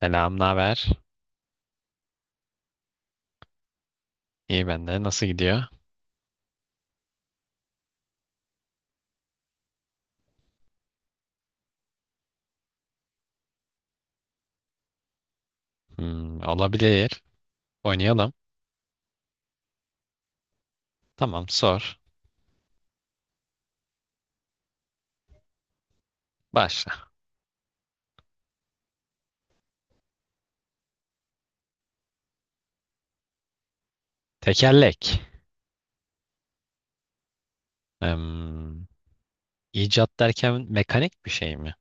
Selam, naber? İyi ben de. Nasıl gidiyor? Hmm, olabilir. Oynayalım. Tamam, sor. Başla. Tekerlek. Hmm, icat derken mekanik bir şey mi?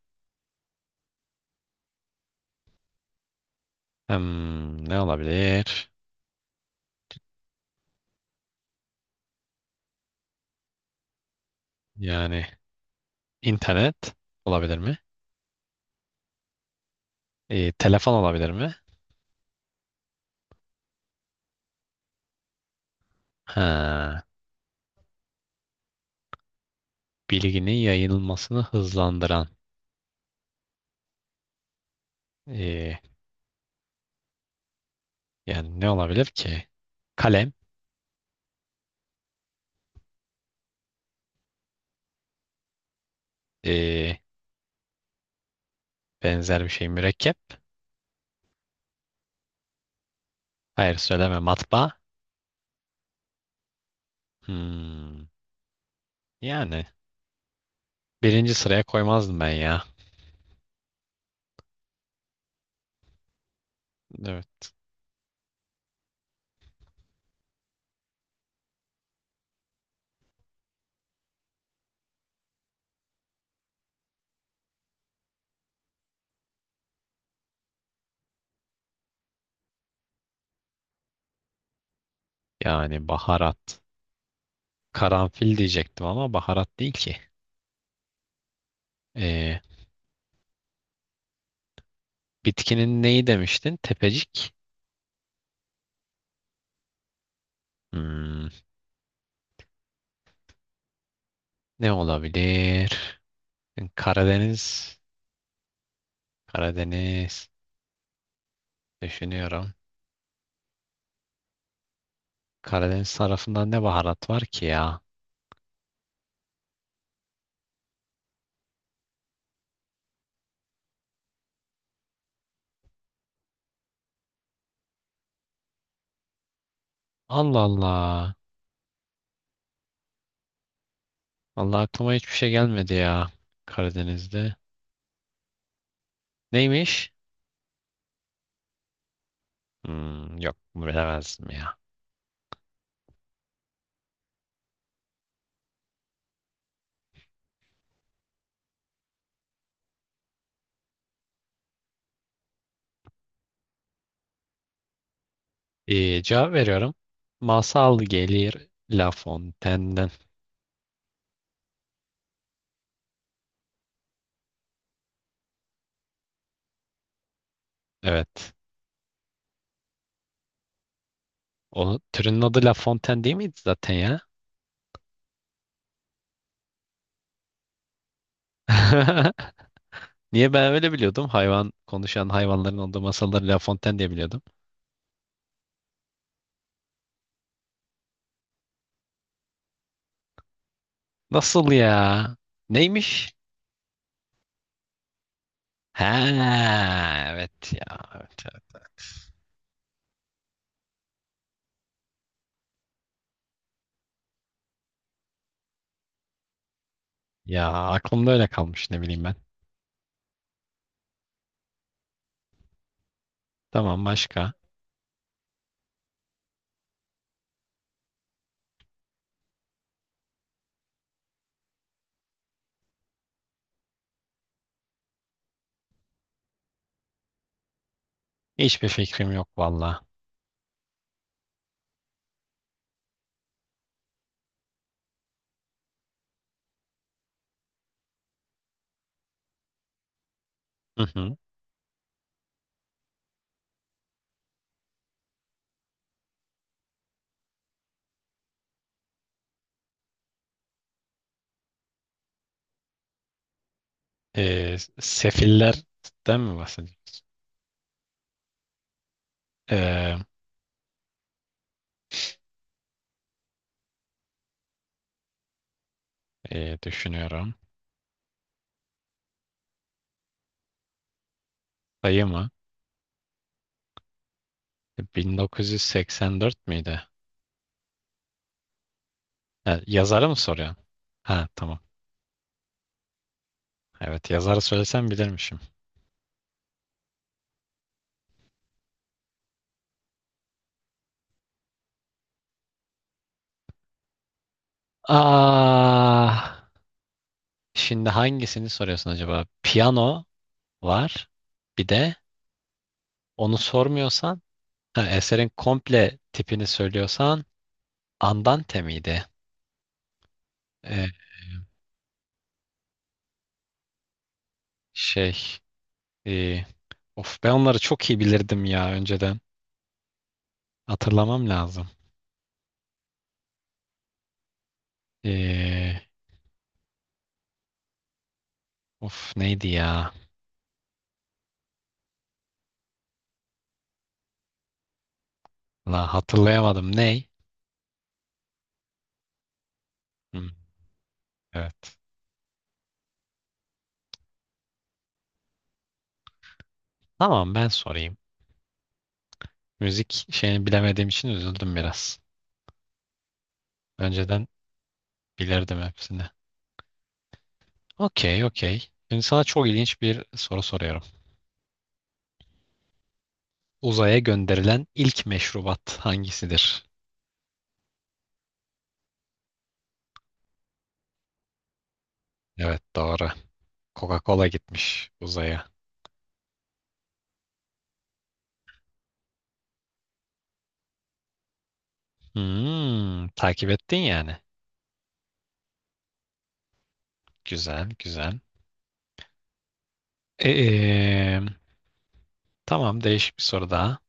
Ne olabilir? Yani internet olabilir mi? Telefon olabilir mi? Ha, bilginin yayılmasını hızlandıran. ee, Yani ne olabilir ki? Kalem. ee, Benzer bir şey. Mürekkep. Hayır söyleme. Matbaa. Hmm, yani. Birinci sıraya koymazdım ben ya. Evet. Yani baharat. Karanfil diyecektim ama baharat değil ki. Ee, Bitkinin neyi demiştin? Tepecik. Hmm, Ne olabilir? Karadeniz. Karadeniz. Düşünüyorum. Karadeniz tarafında ne baharat var ki ya? Allah Allah. Allah aklıma hiçbir şey gelmedi ya. Karadeniz'de. Neymiş? Yok bilemezdim ya. Cevap veriyorum. Masal gelir La Fontaine'den. Evet. O türünün adı La Fontaine değil miydi zaten ya? Niye ben öyle biliyordum? Hayvan konuşan hayvanların olduğu masalları La Fontaine diye biliyordum. Nasıl ya? Neymiş? Ha, evet ya. Evet, evet, evet. Ya aklımda öyle kalmış ne bileyim ben. Tamam başka. Hiçbir fikrim yok valla. Hı hı. Sefillerden mi bahsediyorsun? Ee, Düşünüyorum. Sayı mı? 1984 miydi? Ha, yazarı mı soruyorsun? Ha tamam. Evet yazarı söylesem bilirmişim. Ah, şimdi hangisini soruyorsun acaba? Piyano var. Bir de onu sormuyorsan, ha, eserin komple tipini söylüyorsan Andante miydi? Ee, şey, e, Of ben onları çok iyi bilirdim ya önceden. Hatırlamam lazım. Ee, Of neydi ya? La hatırlayamadım. Ney? Hmm. Evet. Tamam ben sorayım. Müzik şeyini bilemediğim için üzüldüm biraz. Önceden bilirdim hepsini. Okey, okey. Şimdi sana çok ilginç bir soru soruyorum. Uzaya gönderilen ilk meşrubat hangisidir? Evet, doğru. Coca-Cola gitmiş uzaya. Takip ettin yani. Güzel, güzel. Ee, tamam, değişik bir soru daha.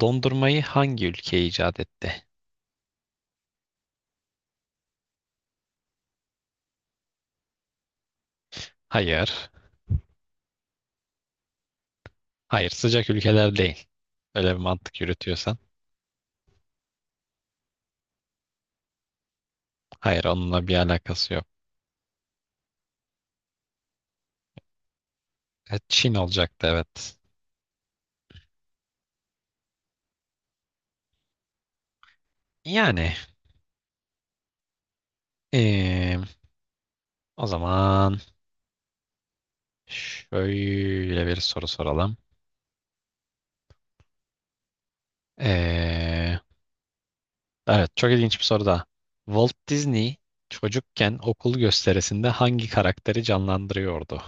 Dondurmayı hangi ülke icat etti? Hayır. Hayır, sıcak ülkeler değil. Öyle bir mantık yürütüyorsan. Hayır onunla bir alakası yok. Çin olacaktı evet. Yani eee, o zaman şöyle bir soru soralım. Eee, evet çok ilginç bir soru da. Walt Disney çocukken okul gösterisinde hangi karakteri canlandırıyordu?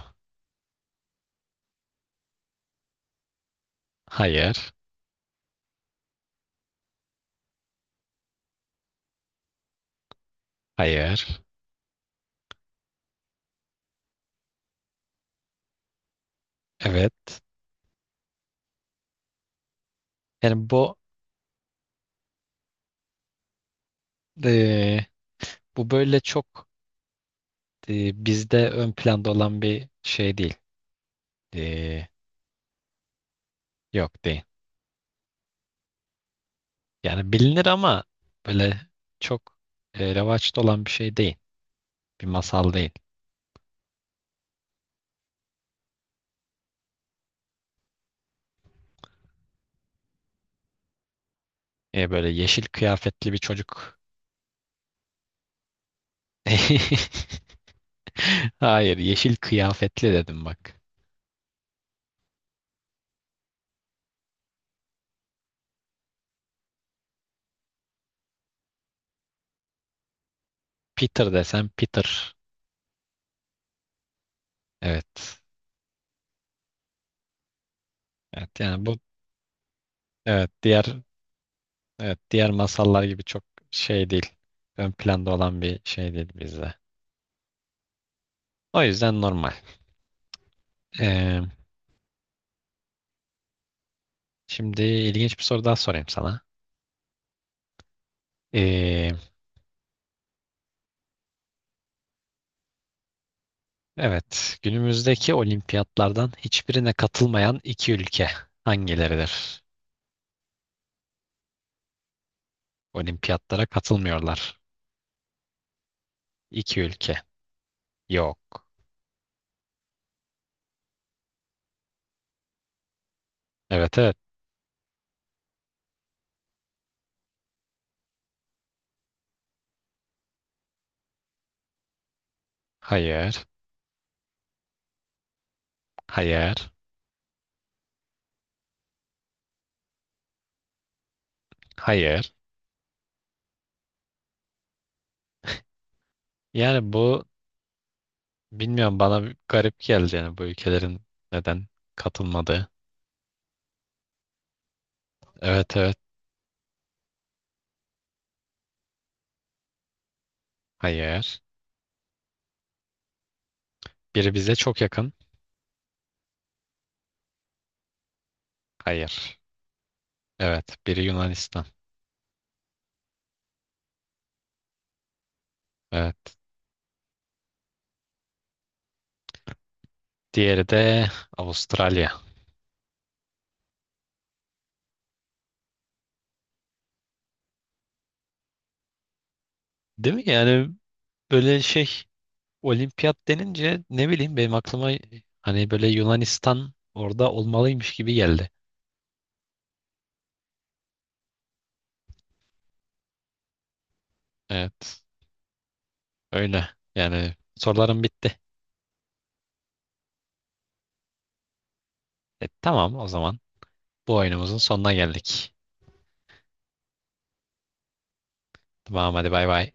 Hayır, hayır, evet. Yani eee, bu böyle çok bizde ön planda olan bir şey değil. Eee, Yok değil. Yani bilinir ama böyle çok revaçta olan bir şey değil. Bir masal değil. Böyle yeşil kıyafetli bir çocuk. Hayır, yeşil kıyafetli dedim bak. Peter desem Peter. Evet. Evet yani bu evet diğer evet diğer masallar gibi çok şey değil. Ön planda olan bir şey değil bizde. O yüzden normal. E, Şimdi ilginç bir soru daha sorayım sana. E, Evet, günümüzdeki olimpiyatlardan hiçbirine katılmayan iki ülke hangileridir? Olimpiyatlara katılmıyorlar. İki ülke. Yok. Evet evet. Hayır. Hayır. Hayır. Yani bu bilmiyorum bana bir garip geldi yani bu ülkelerin neden katılmadığı. Evet evet. Hayır. Biri bize çok yakın. Hayır. Evet. Biri Yunanistan. Evet. Diğeri de Avustralya. Değil mi? Yani böyle şey Olimpiyat denince ne bileyim benim aklıma hani böyle Yunanistan orada olmalıymış gibi geldi. Evet, öyle. Yani sorularım bitti. Tamam o zaman bu oyunumuzun sonuna geldik. Tamam hadi bay bay.